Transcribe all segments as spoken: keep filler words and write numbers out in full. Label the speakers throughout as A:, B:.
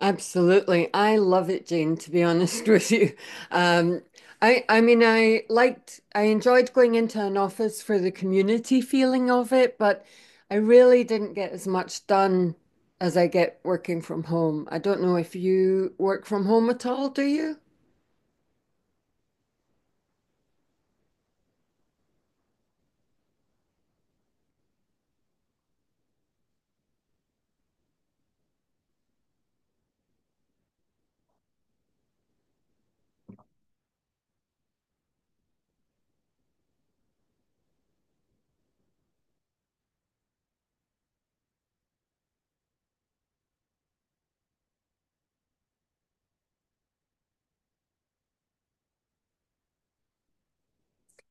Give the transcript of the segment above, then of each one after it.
A: Absolutely. I love it, Jane, to be honest with you. Um, I I mean I liked I enjoyed going into an office for the community feeling of it, but I really didn't get as much done as I get working from home. I don't know if you work from home at all, do you?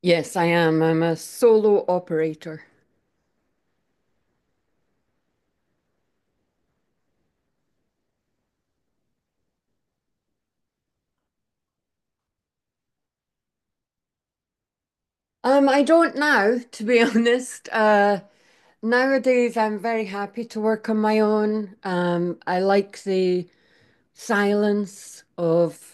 A: Yes, I am. I'm a solo operator. Um, I don't now, to be honest. Uh, nowadays, I'm very happy to work on my own. Um, I like the silence of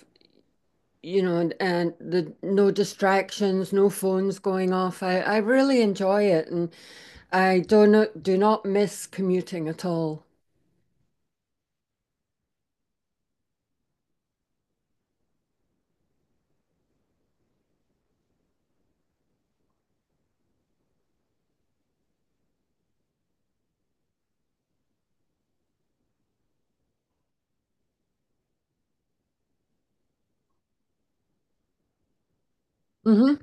A: you know and, and the no distractions, no phones going off. I, I really enjoy it, and I do not do not miss commuting at all. hmm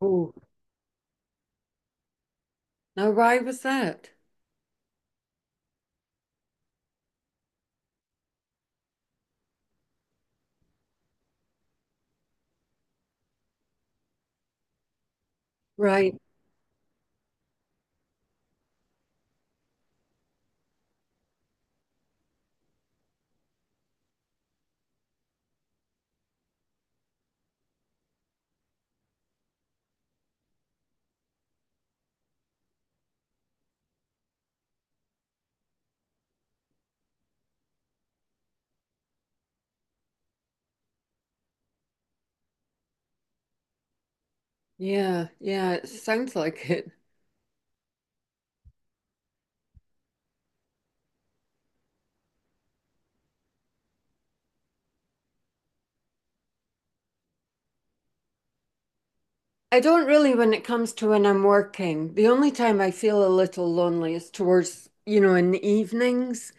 A: oh, now why was that? Right. Yeah, yeah, it sounds like it. I don't really, when it comes to when I'm working. The only time I feel a little lonely is towards, you know, in the evenings,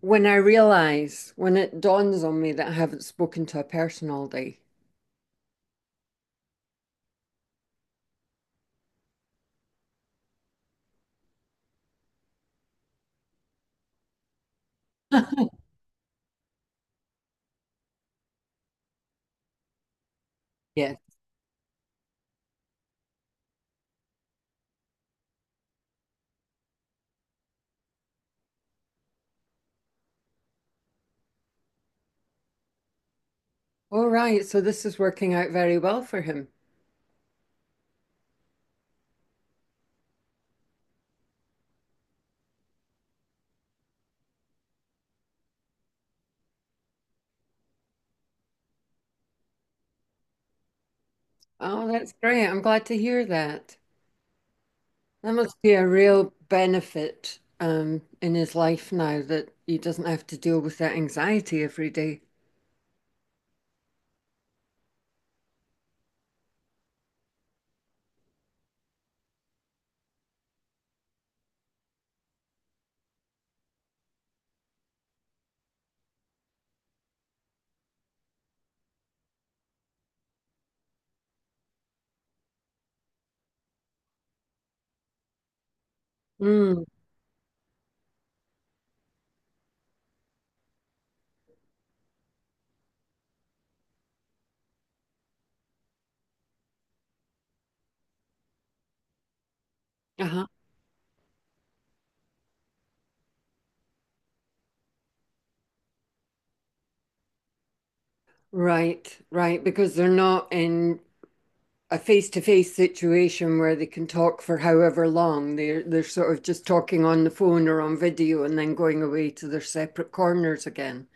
A: when I realize, when it dawns on me that I haven't spoken to a person all day. Yes. All right. So this is working out very well for him. Oh, that's great. I'm glad to hear that. That must be a real benefit, um, in his life now that he doesn't have to deal with that anxiety every day. Mm. Uh-huh. Right, right. Because they're not in a face-to-face situation where they can talk for however long. They're they're sort of just talking on the phone or on video and then going away to their separate corners again.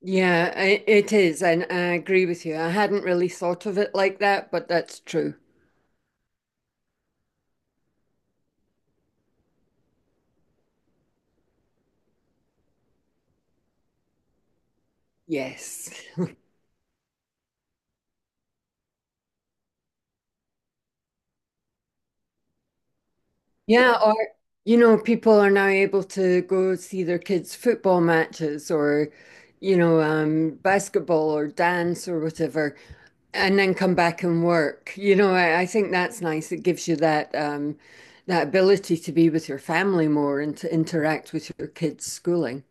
A: Yeah, i- it is, and I agree with you. I hadn't really thought of it like that, but that's true. Yes. Yeah, or you know, people are now able to go see their kids' football matches or, you know, um, basketball or dance or whatever, and then come back and work. You know, I, I think that's nice. It gives you that um, that ability to be with your family more and to interact with your kids' schooling.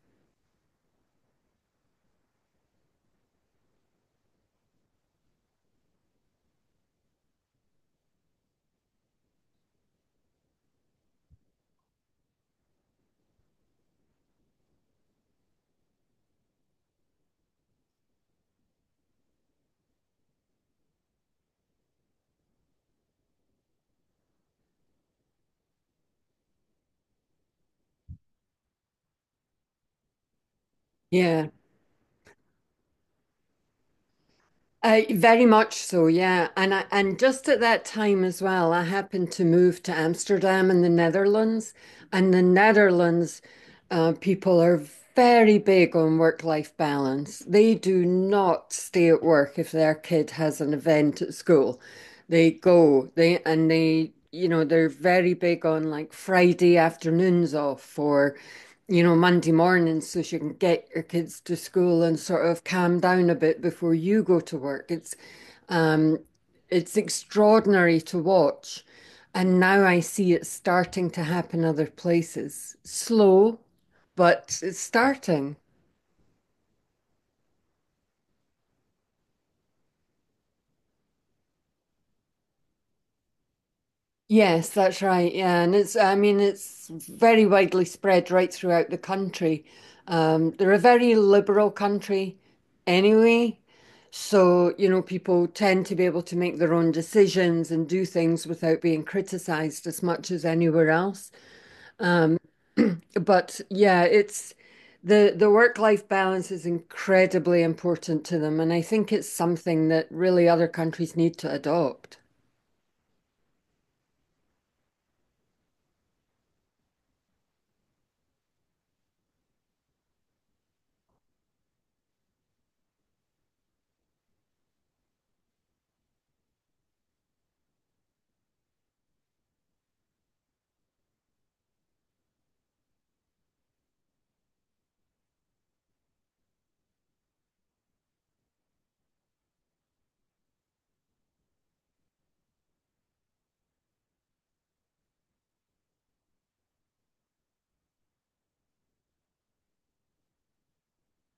A: Yeah. Uh, very much so, yeah. And I, and just at that time as well, I happened to move to Amsterdam in the Netherlands. And the Netherlands, uh, people are very big on work-life balance. They do not stay at work if their kid has an event at school. They go, they and they, you know, they're very big on like Friday afternoons off, or you know, Monday morning so she can get your kids to school and sort of calm down a bit before you go to work. It's um, it's extraordinary to watch. And now I see it starting to happen other places. Slow, but it's starting. Yes, that's right. Yeah, and it's, I mean, it's very widely spread right throughout the country. Um, they're a very liberal country anyway, so you know, people tend to be able to make their own decisions and do things without being criticized as much as anywhere else. Um, but yeah, it's, the the work-life balance is incredibly important to them, and I think it's something that really other countries need to adopt.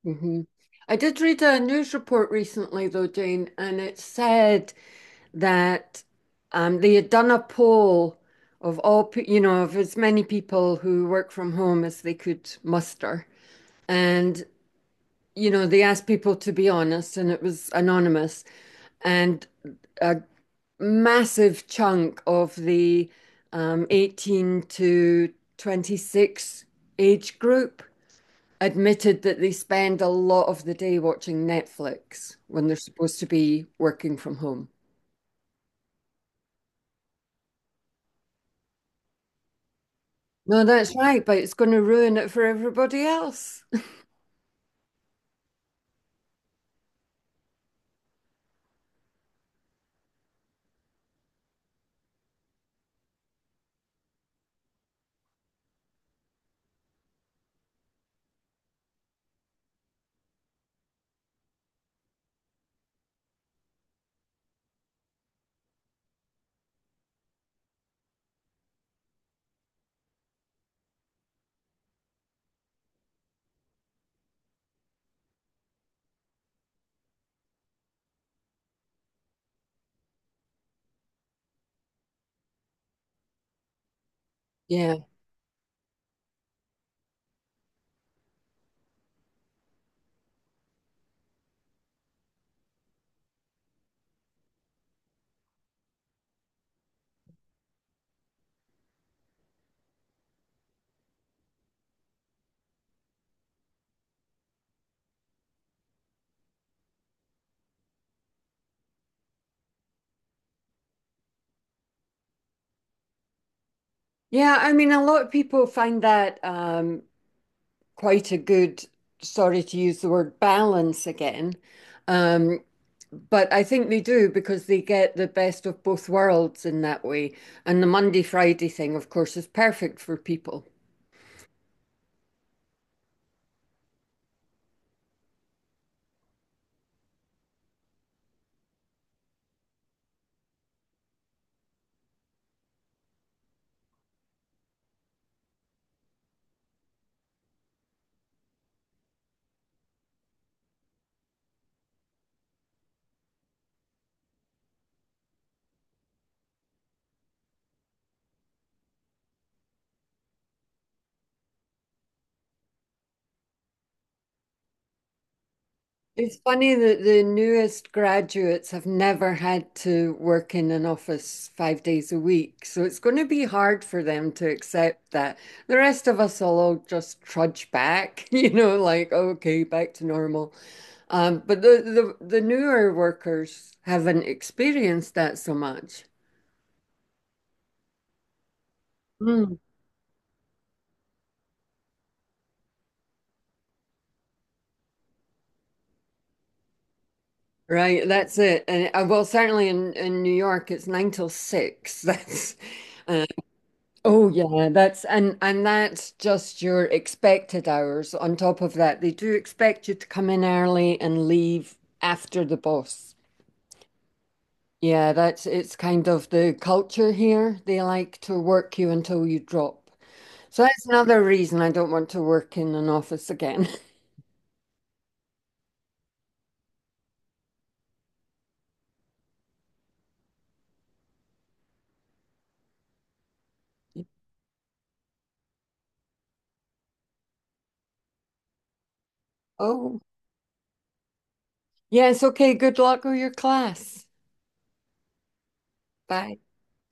A: hmm I did read a news report recently, though, Jane, and it said that um, they had done a poll of all, pe- you know, of as many people who work from home as they could muster. And, you know, they asked people to be honest, and it was anonymous. And a massive chunk of the um, eighteen to twenty-six age group admitted that they spend a lot of the day watching Netflix when they're supposed to be working from home. No, that's right, but it's going to ruin it for everybody else. Yeah. Yeah, I mean, a lot of people find that um, quite a good, sorry to use the word balance again. Um, but I think they do because they get the best of both worlds in that way. And the Monday Friday thing, of course, is perfect for people. It's funny that the newest graduates have never had to work in an office five days a week. So it's going to be hard for them to accept that. The rest of us will all just trudge back, you know, like, okay, back to normal. Um, but the, the, the newer workers haven't experienced that so much. Mm. Right, that's it. And uh, well, certainly in, in New York, it's nine till six. That's uh, oh yeah, that's, and and that's just your expected hours. On top of that, they do expect you to come in early and leave after the boss. Yeah, that's, it's kind of the culture here. They like to work you until you drop. So that's another reason I don't want to work in an office again. Oh, yes, okay, good luck with your class. Bye.